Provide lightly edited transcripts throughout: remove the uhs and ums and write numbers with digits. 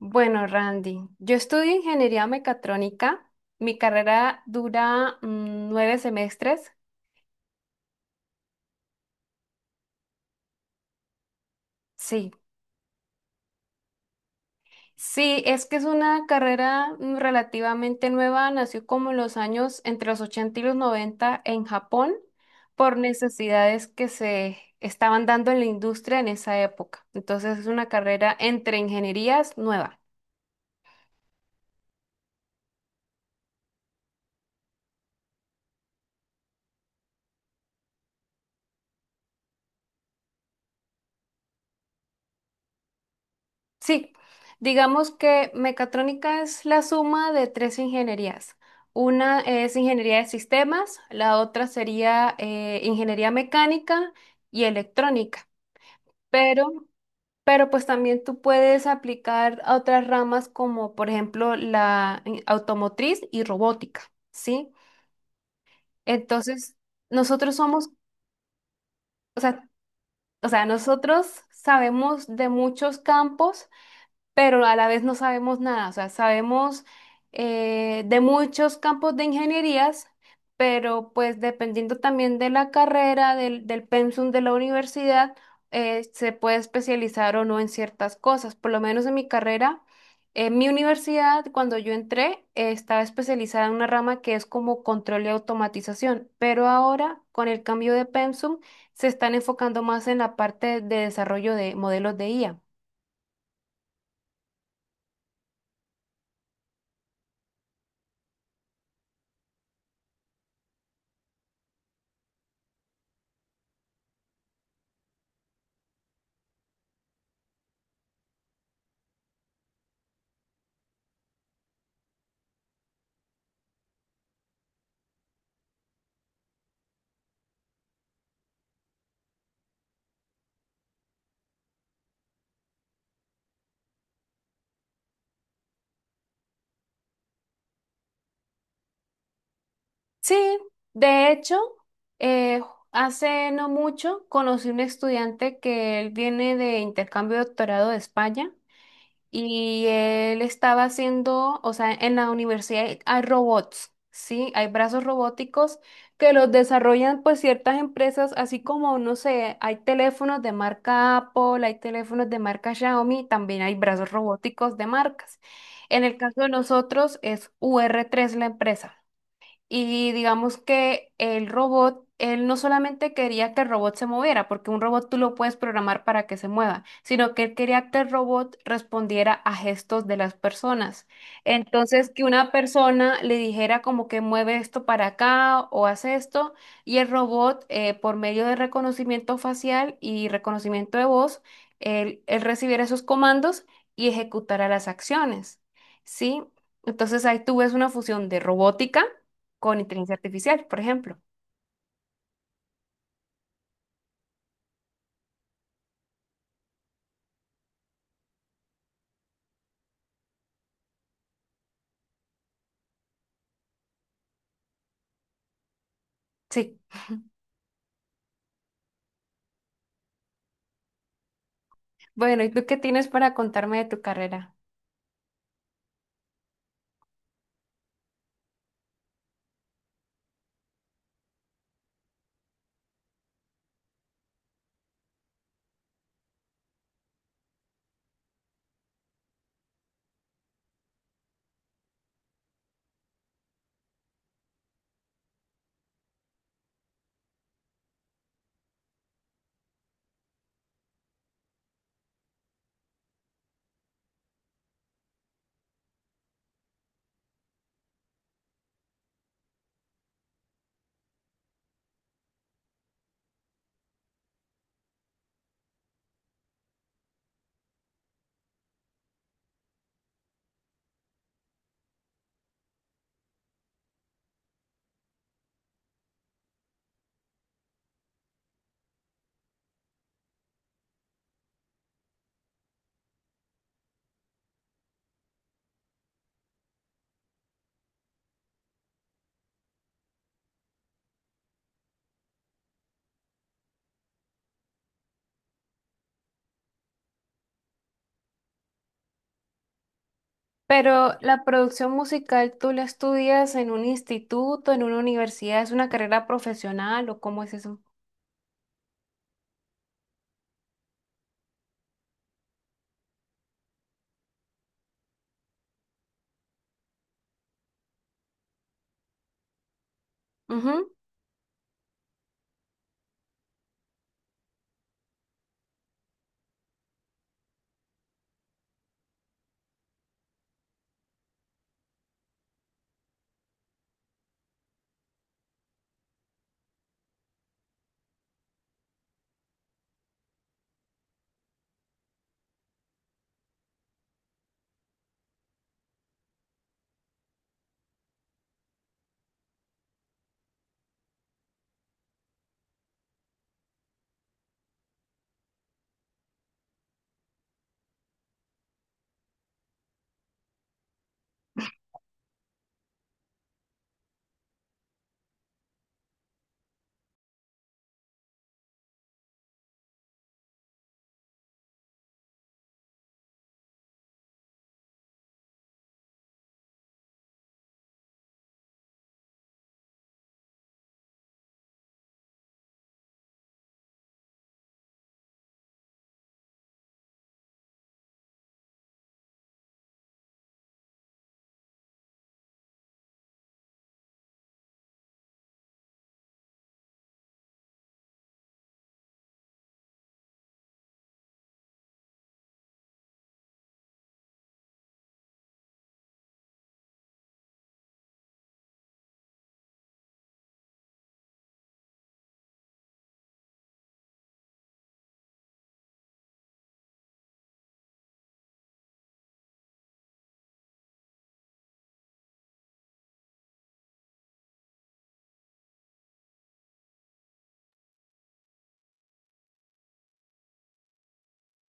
Bueno, Randy, yo estudio ingeniería mecatrónica. Mi carrera dura nueve semestres. Sí, sí, es que es una carrera relativamente nueva. Nació como en los años entre los 80 y los 90 en Japón por necesidades que se estaban dando en la industria en esa época. Entonces es una carrera entre ingenierías nueva. Sí, digamos que mecatrónica es la suma de tres ingenierías. Una es ingeniería de sistemas, la otra sería ingeniería mecánica y electrónica. Pero, pero pues también tú puedes aplicar a otras ramas como por ejemplo la automotriz y robótica, ¿sí? Entonces, nosotros somos, o sea, o sea, nosotros sabemos de muchos campos pero a la vez no sabemos nada. O sea, sabemos de muchos campos de ingenierías, pero pues dependiendo también de la carrera, del pensum de la universidad, se puede especializar o no en ciertas cosas. Por lo menos en mi carrera, en mi universidad, cuando yo entré, estaba especializada en una rama que es como control y automatización, pero ahora con el cambio de pensum se están enfocando más en la parte de desarrollo de modelos de IA. Sí, de hecho, eh, hace no mucho conocí un estudiante que él viene de intercambio de doctorado de España y él estaba haciendo, o sea, en la universidad hay robots, ¿sí? Hay brazos robóticos que los desarrollan pues ciertas empresas, así como, no sé, hay teléfonos de marca Apple, hay teléfonos de marca Xiaomi, también hay brazos robóticos de marcas. En el caso de nosotros es ur tres la empresa. Y digamos que el robot, él no solamente quería que el robot se moviera, porque un robot tú lo puedes programar para que se mueva, sino que él quería que el robot respondiera a gestos de las personas. Entonces, que una persona le dijera como que mueve esto para acá o hace esto, y el robot, por medio de reconocimiento facial y reconocimiento de voz, él recibiera esos comandos y ejecutara las acciones. ¿Sí? Entonces ahí tú ves una fusión de robótica con inteligencia artificial, por ejemplo. Sí. Bueno, ¿y tú qué tienes para contarme de tu carrera? Pero la producción musical, ¿tú la estudias en un instituto, en una universidad? ¿Es una carrera profesional o cómo es eso? Ujú.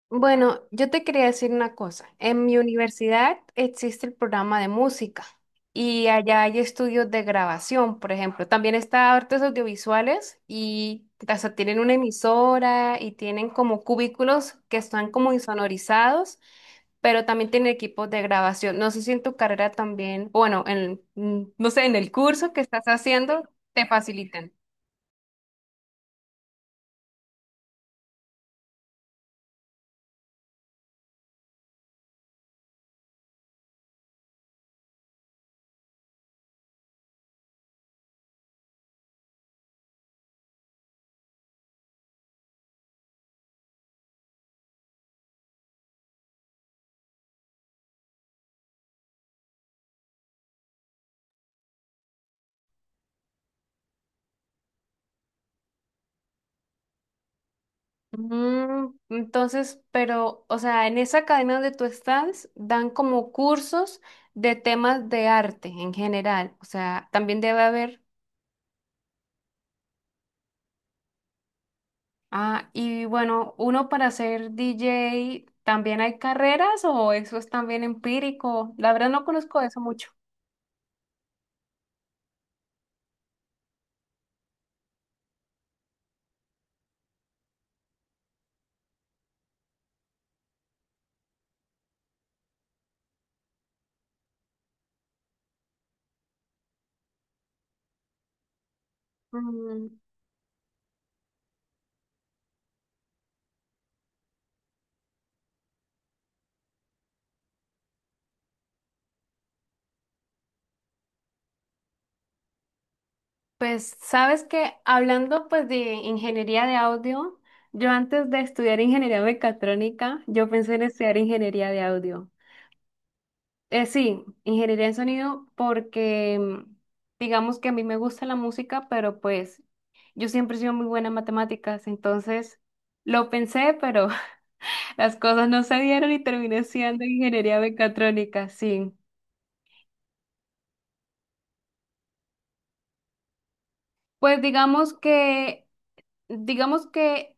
Bueno, yo te quería decir una cosa. En mi universidad existe el programa de música y allá hay estudios de grabación, por ejemplo. También está artes audiovisuales y hasta tienen una emisora y tienen como cubículos que están como insonorizados pero también tiene equipos de grabación. No sé si en tu carrera también, o bueno, en, no sé, en el curso que estás haciendo, te facilitan. Mm, entonces, pero, o sea, en esa academia donde tú estás, dan como cursos de temas de arte en general. O sea, también debe haber. Ah, y bueno, uno para ser DJ, ¿también hay carreras o eso es también empírico? La verdad no conozco eso mucho. Mm, pues sabes que hablando pues de ingeniería de audio, yo antes de estudiar ingeniería mecatrónica, yo pensé en estudiar ingeniería de audio. Sí, ingeniería en sonido porque digamos que a mí me gusta la música, pero pues yo siempre he sido muy buena en matemáticas, entonces lo pensé, pero las cosas no se dieron y terminé estudiando ingeniería mecatrónica, sí. Pues digamos que...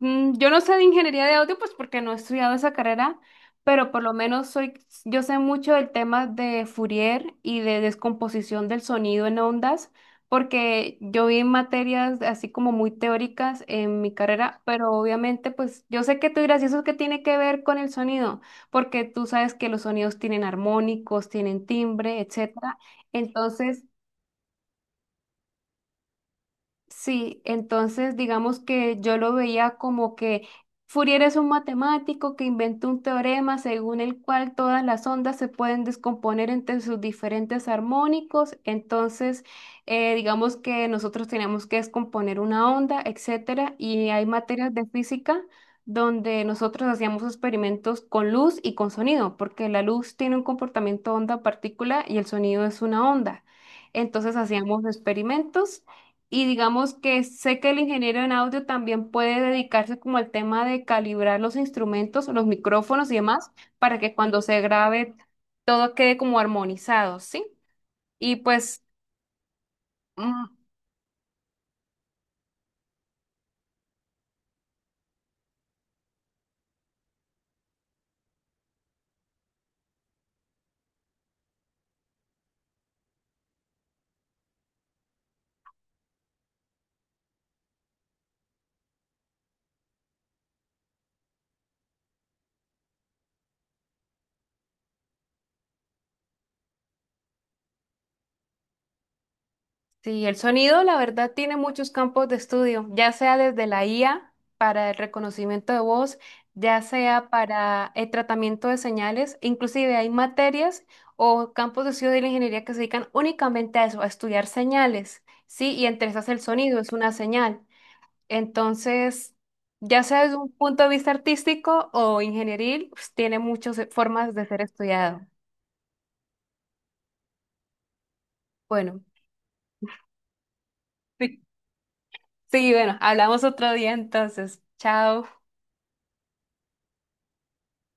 Mm, yo no sé de ingeniería de audio, pues porque no he estudiado esa carrera, pero por lo menos soy, yo sé mucho del tema de Fourier y de descomposición del sonido en ondas, porque yo vi materias así como muy teóricas en mi carrera, pero obviamente pues yo sé que tú dirás, ¿y eso qué tiene que ver con el sonido? Porque tú sabes que los sonidos tienen armónicos, tienen timbre, etcétera. Entonces... Sí, entonces digamos que yo lo veía como que Fourier es un matemático que inventó un teorema según el cual todas las ondas se pueden descomponer entre sus diferentes armónicos. Entonces, digamos que nosotros tenemos que descomponer una onda, etcétera, y hay materias de física donde nosotros hacíamos experimentos con luz y con sonido, porque la luz tiene un comportamiento onda-partícula y el sonido es una onda. Entonces hacíamos experimentos y digamos que sé que el ingeniero en audio también puede dedicarse como al tema de calibrar los instrumentos, los micrófonos y demás, para que cuando se grabe todo quede como armonizado, ¿sí? Y pues mm, sí, el sonido, la verdad, tiene muchos campos de estudio, ya sea desde la IA para el reconocimiento de voz, ya sea para el tratamiento de señales, inclusive hay materias o campos de estudio de la ingeniería que se dedican únicamente a eso, a estudiar señales, ¿sí? Y entre esas el sonido es una señal. Entonces, ya sea desde un punto de vista artístico o ingenieril, pues, tiene muchas formas de ser estudiado. Bueno, sí, sí, bueno, hablamos otro día entonces. Chao.